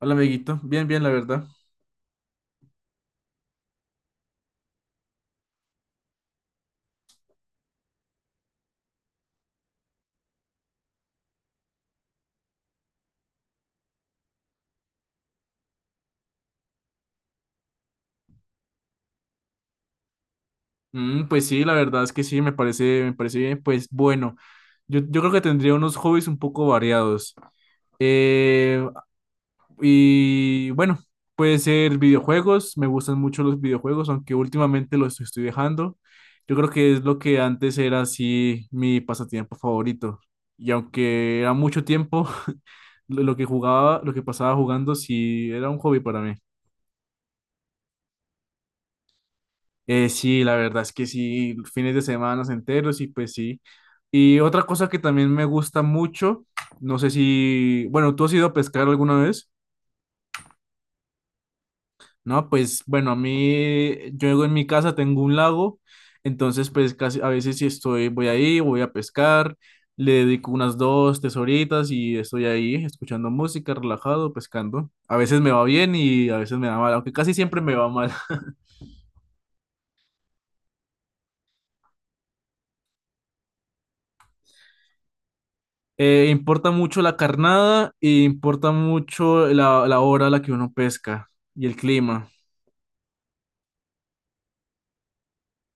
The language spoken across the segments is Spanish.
Hola, amiguito. Bien, bien, la verdad. Mm, pues sí, la verdad es que sí, me parece bien. Pues bueno, yo creo que tendría unos hobbies un poco variados. Eh, y bueno, puede ser videojuegos. Me gustan mucho los videojuegos, aunque últimamente los estoy dejando. Yo creo que es lo que antes era así mi pasatiempo favorito. Y aunque era mucho tiempo, lo que jugaba, lo que pasaba jugando, sí era un hobby para mí. Sí, la verdad es que sí, fines de semana enteros y pues sí. Y otra cosa que también me gusta mucho, no sé si, bueno, ¿tú has ido a pescar alguna vez? No, pues bueno, a mí, yo en mi casa tengo un lago, entonces pues casi a veces si estoy, voy ahí, voy a pescar, le dedico unas dos, tres horitas y estoy ahí escuchando música, relajado, pescando. A veces me va bien y a veces me va mal, aunque casi siempre me va mal. Importa mucho la carnada e importa mucho la hora a la que uno pesca y el clima.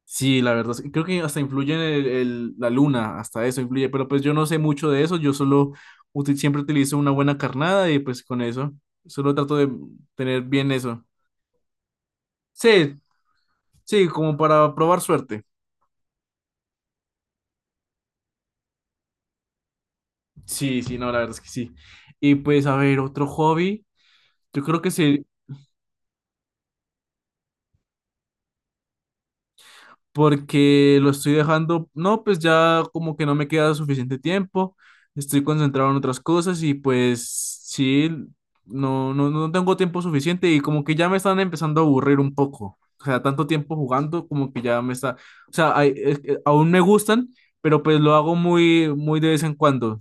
Sí, la verdad, sí, creo que hasta influye en la luna, hasta eso influye, pero pues yo no sé mucho de eso, yo solo siempre utilizo una buena carnada y pues con eso, solo trato de tener bien eso. Sí, sí, como para probar suerte. Sí, sí, no, la verdad es que sí. Y pues a ver, otro hobby, yo creo que porque lo estoy dejando, no, pues ya como que no me queda suficiente tiempo, estoy concentrado en otras cosas y pues sí, no, no, no tengo tiempo suficiente y como que ya me están empezando a aburrir un poco. O sea, tanto tiempo jugando como que ya me está, o sea, aún me gustan, pero pues lo hago muy, muy de vez en cuando.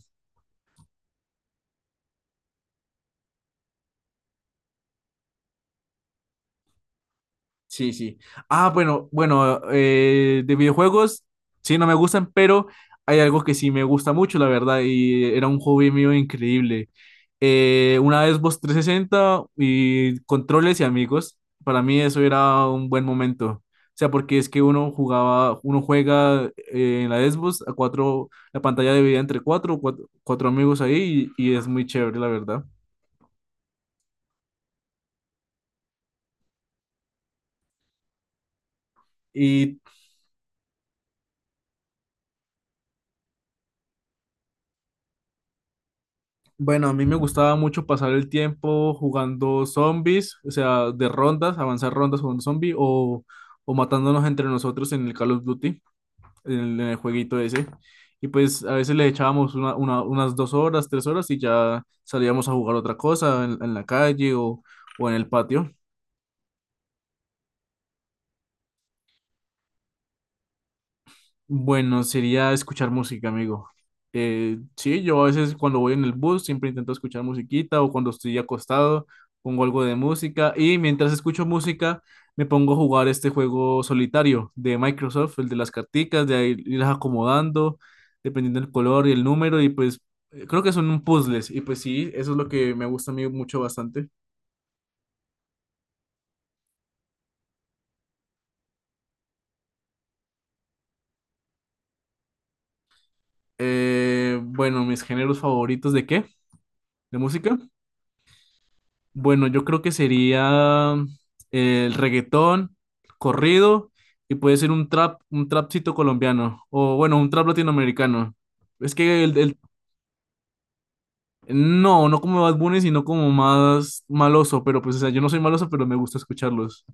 Sí, sí. Ah, bueno, bueno, de videojuegos, sí, no me gustan, pero hay algo que sí me gusta mucho, la verdad, y era un hobby mío increíble. Una Xbox 360 y controles y amigos, para mí eso era un buen momento. O sea, porque es que uno jugaba, uno juega en la Xbox a cuatro, la pantalla dividida entre cuatro, cuatro, cuatro amigos ahí y es muy chévere, la verdad. ¿Y Bueno, a mí me gustaba mucho pasar el tiempo jugando zombies, o sea, de rondas, avanzar rondas con un zombie o matándonos entre nosotros en el Call of Duty, en el jueguito ese. Y pues a veces le echábamos unas dos horas, tres horas y ya salíamos a jugar otra cosa en la calle o en el patio. Bueno, sería escuchar música, amigo. Sí, yo a veces cuando voy en el bus siempre intento escuchar musiquita o cuando estoy acostado pongo algo de música y mientras escucho música me pongo a jugar este juego solitario de Microsoft, el de las carticas, de ahí irlas acomodando dependiendo del color y el número y pues creo que son puzzles y pues sí, eso es lo que me gusta a mí mucho bastante. Bueno, ¿mis géneros favoritos de qué? ¿De música? Bueno, yo creo que sería el reggaetón, corrido, y puede ser un trap, un trapcito colombiano, o bueno, un trap latinoamericano. Es que el- No, no como Bad Bunny, sino como más maloso, pero pues, o sea, yo no soy maloso, pero me gusta escucharlos.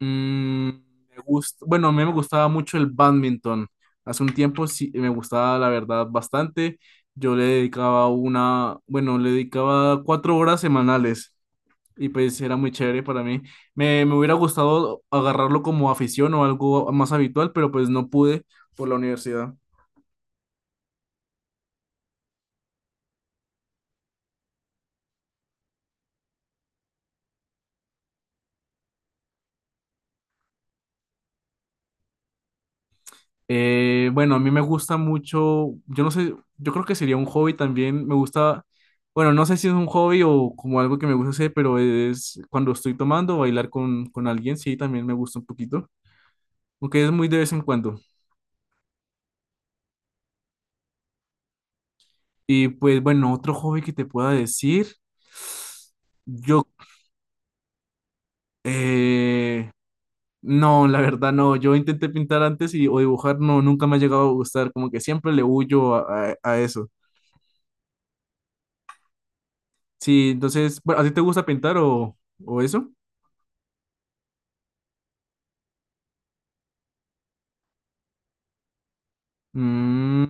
Mm, me gusta, bueno, a mí me gustaba mucho el badminton. Hace un tiempo sí me gustaba, la verdad, bastante. Yo le dedicaba una, bueno, le dedicaba 4 horas semanales. Y pues era muy chévere para mí. Me hubiera gustado agarrarlo como afición o algo más habitual, pero pues no pude por la universidad. Bueno, a mí me gusta mucho, yo no sé, yo creo que sería un hobby también, me gusta, bueno, no sé si es un hobby o como algo que me gusta hacer, pero es cuando estoy tomando, bailar con, alguien, sí, también me gusta un poquito, aunque es muy de vez en cuando. Y pues bueno, otro hobby que te pueda decir. yo, eh, No, la verdad no. Yo intenté pintar antes y o dibujar, no, nunca me ha llegado a gustar. Como que siempre le huyo a eso. Sí, entonces, bueno, ¿a ti te gusta pintar o eso? Mm,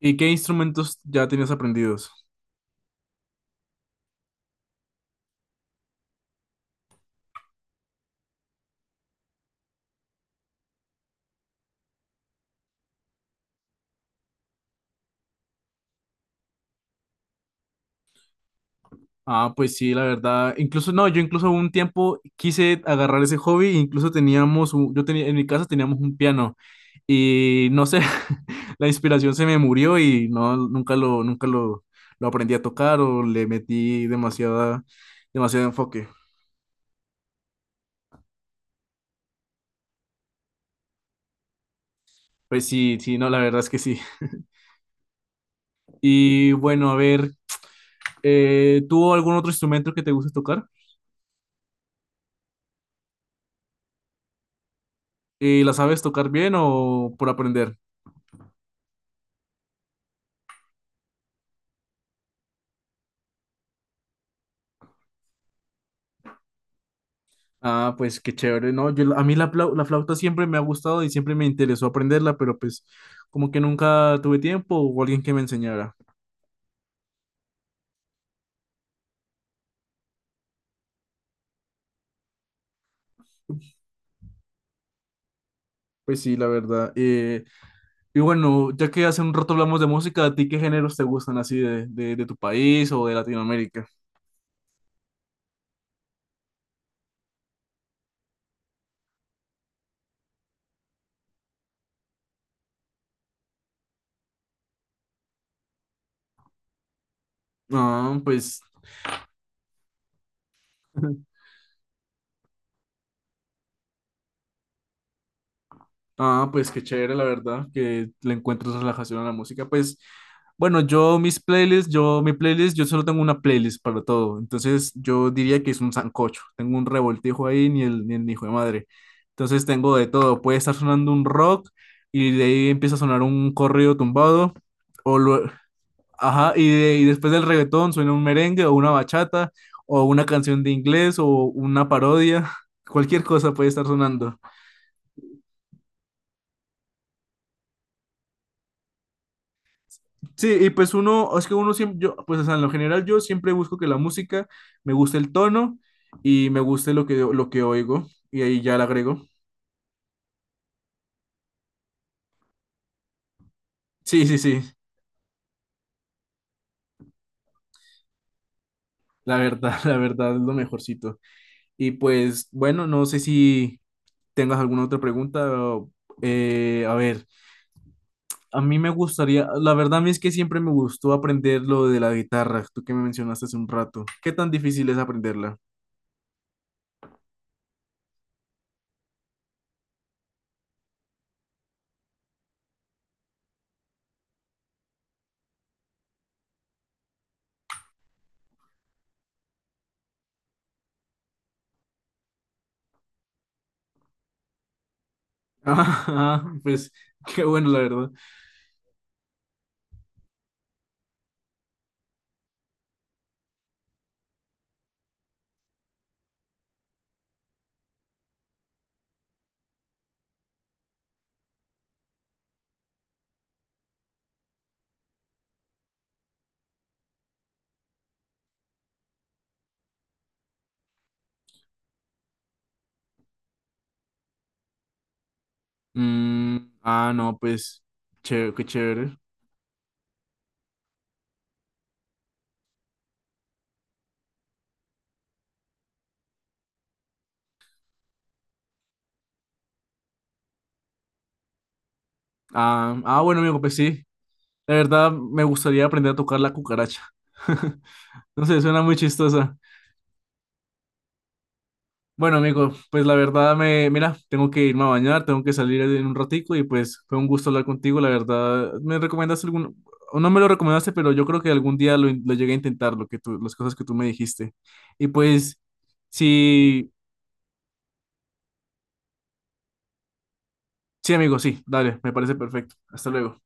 ¿y qué instrumentos ya tenías aprendidos? Ah, pues sí, la verdad. Incluso, no, yo incluso un tiempo quise agarrar ese hobby, incluso teníamos, un- yo tenía, en mi casa teníamos un piano y no sé, la inspiración se me murió y no, nunca lo aprendí a tocar o le metí demasiada, demasiado enfoque. Pues sí, sí, no, la verdad es que sí. Y bueno, a ver, ¿tú algún otro instrumento que te guste tocar? ¿Y la sabes tocar bien o por aprender? Ah, pues qué chévere, ¿no? Yo, a mí la flauta siempre me ha gustado y siempre me interesó aprenderla, pero pues como que nunca tuve tiempo o alguien que me enseñara. Pues sí, la verdad. Y bueno, ya que hace un rato hablamos de música, ¿a ti qué géneros te gustan así de tu país o de Latinoamérica? Ah, pues ah, pues qué chévere, la verdad, que le encuentres relajación a la música. Pues, bueno, yo mis playlists, yo mi playlist, yo solo tengo una playlist para todo. Entonces, yo diría que es un sancocho. Tengo un revoltijo ahí, ni el hijo de madre. Entonces, tengo de todo. Puede estar sonando un rock y de ahí empieza a sonar un corrido tumbado. O lue- ajá, y después del reggaetón suena un merengue o una bachata o una canción de inglés o una parodia. Cualquier cosa puede estar sonando. Sí, y pues uno, es que uno siempre, yo, pues o sea, en lo general yo siempre busco que la música me guste el tono y me guste lo que oigo y ahí ya la agrego. Sí, sí, sí, la verdad, la verdad es lo mejorcito. Y pues bueno, no sé si tengas alguna otra pregunta. O, a ver, a mí me gustaría, la verdad a mí es que siempre me gustó aprender lo de la guitarra, tú que me mencionaste hace un rato. ¿Qué tan difícil es aprenderla? Ah, pues qué bueno, la verdad. Mm, ah, no, pues, chévere, qué chévere. Ah, ah, bueno, amigo, pues sí. La verdad, me gustaría aprender a tocar la cucaracha. No sé, suena muy chistosa. Bueno, amigo, pues la verdad, me, mira, tengo que irme a bañar, tengo que salir en un ratico y pues fue un gusto hablar contigo. La verdad, me recomendaste o no me lo recomendaste, pero yo creo que algún día lo llegué a intentar, lo que tú, las cosas que tú me dijiste. Y pues, sí, sí, amigo, sí, dale, me parece perfecto. Hasta luego.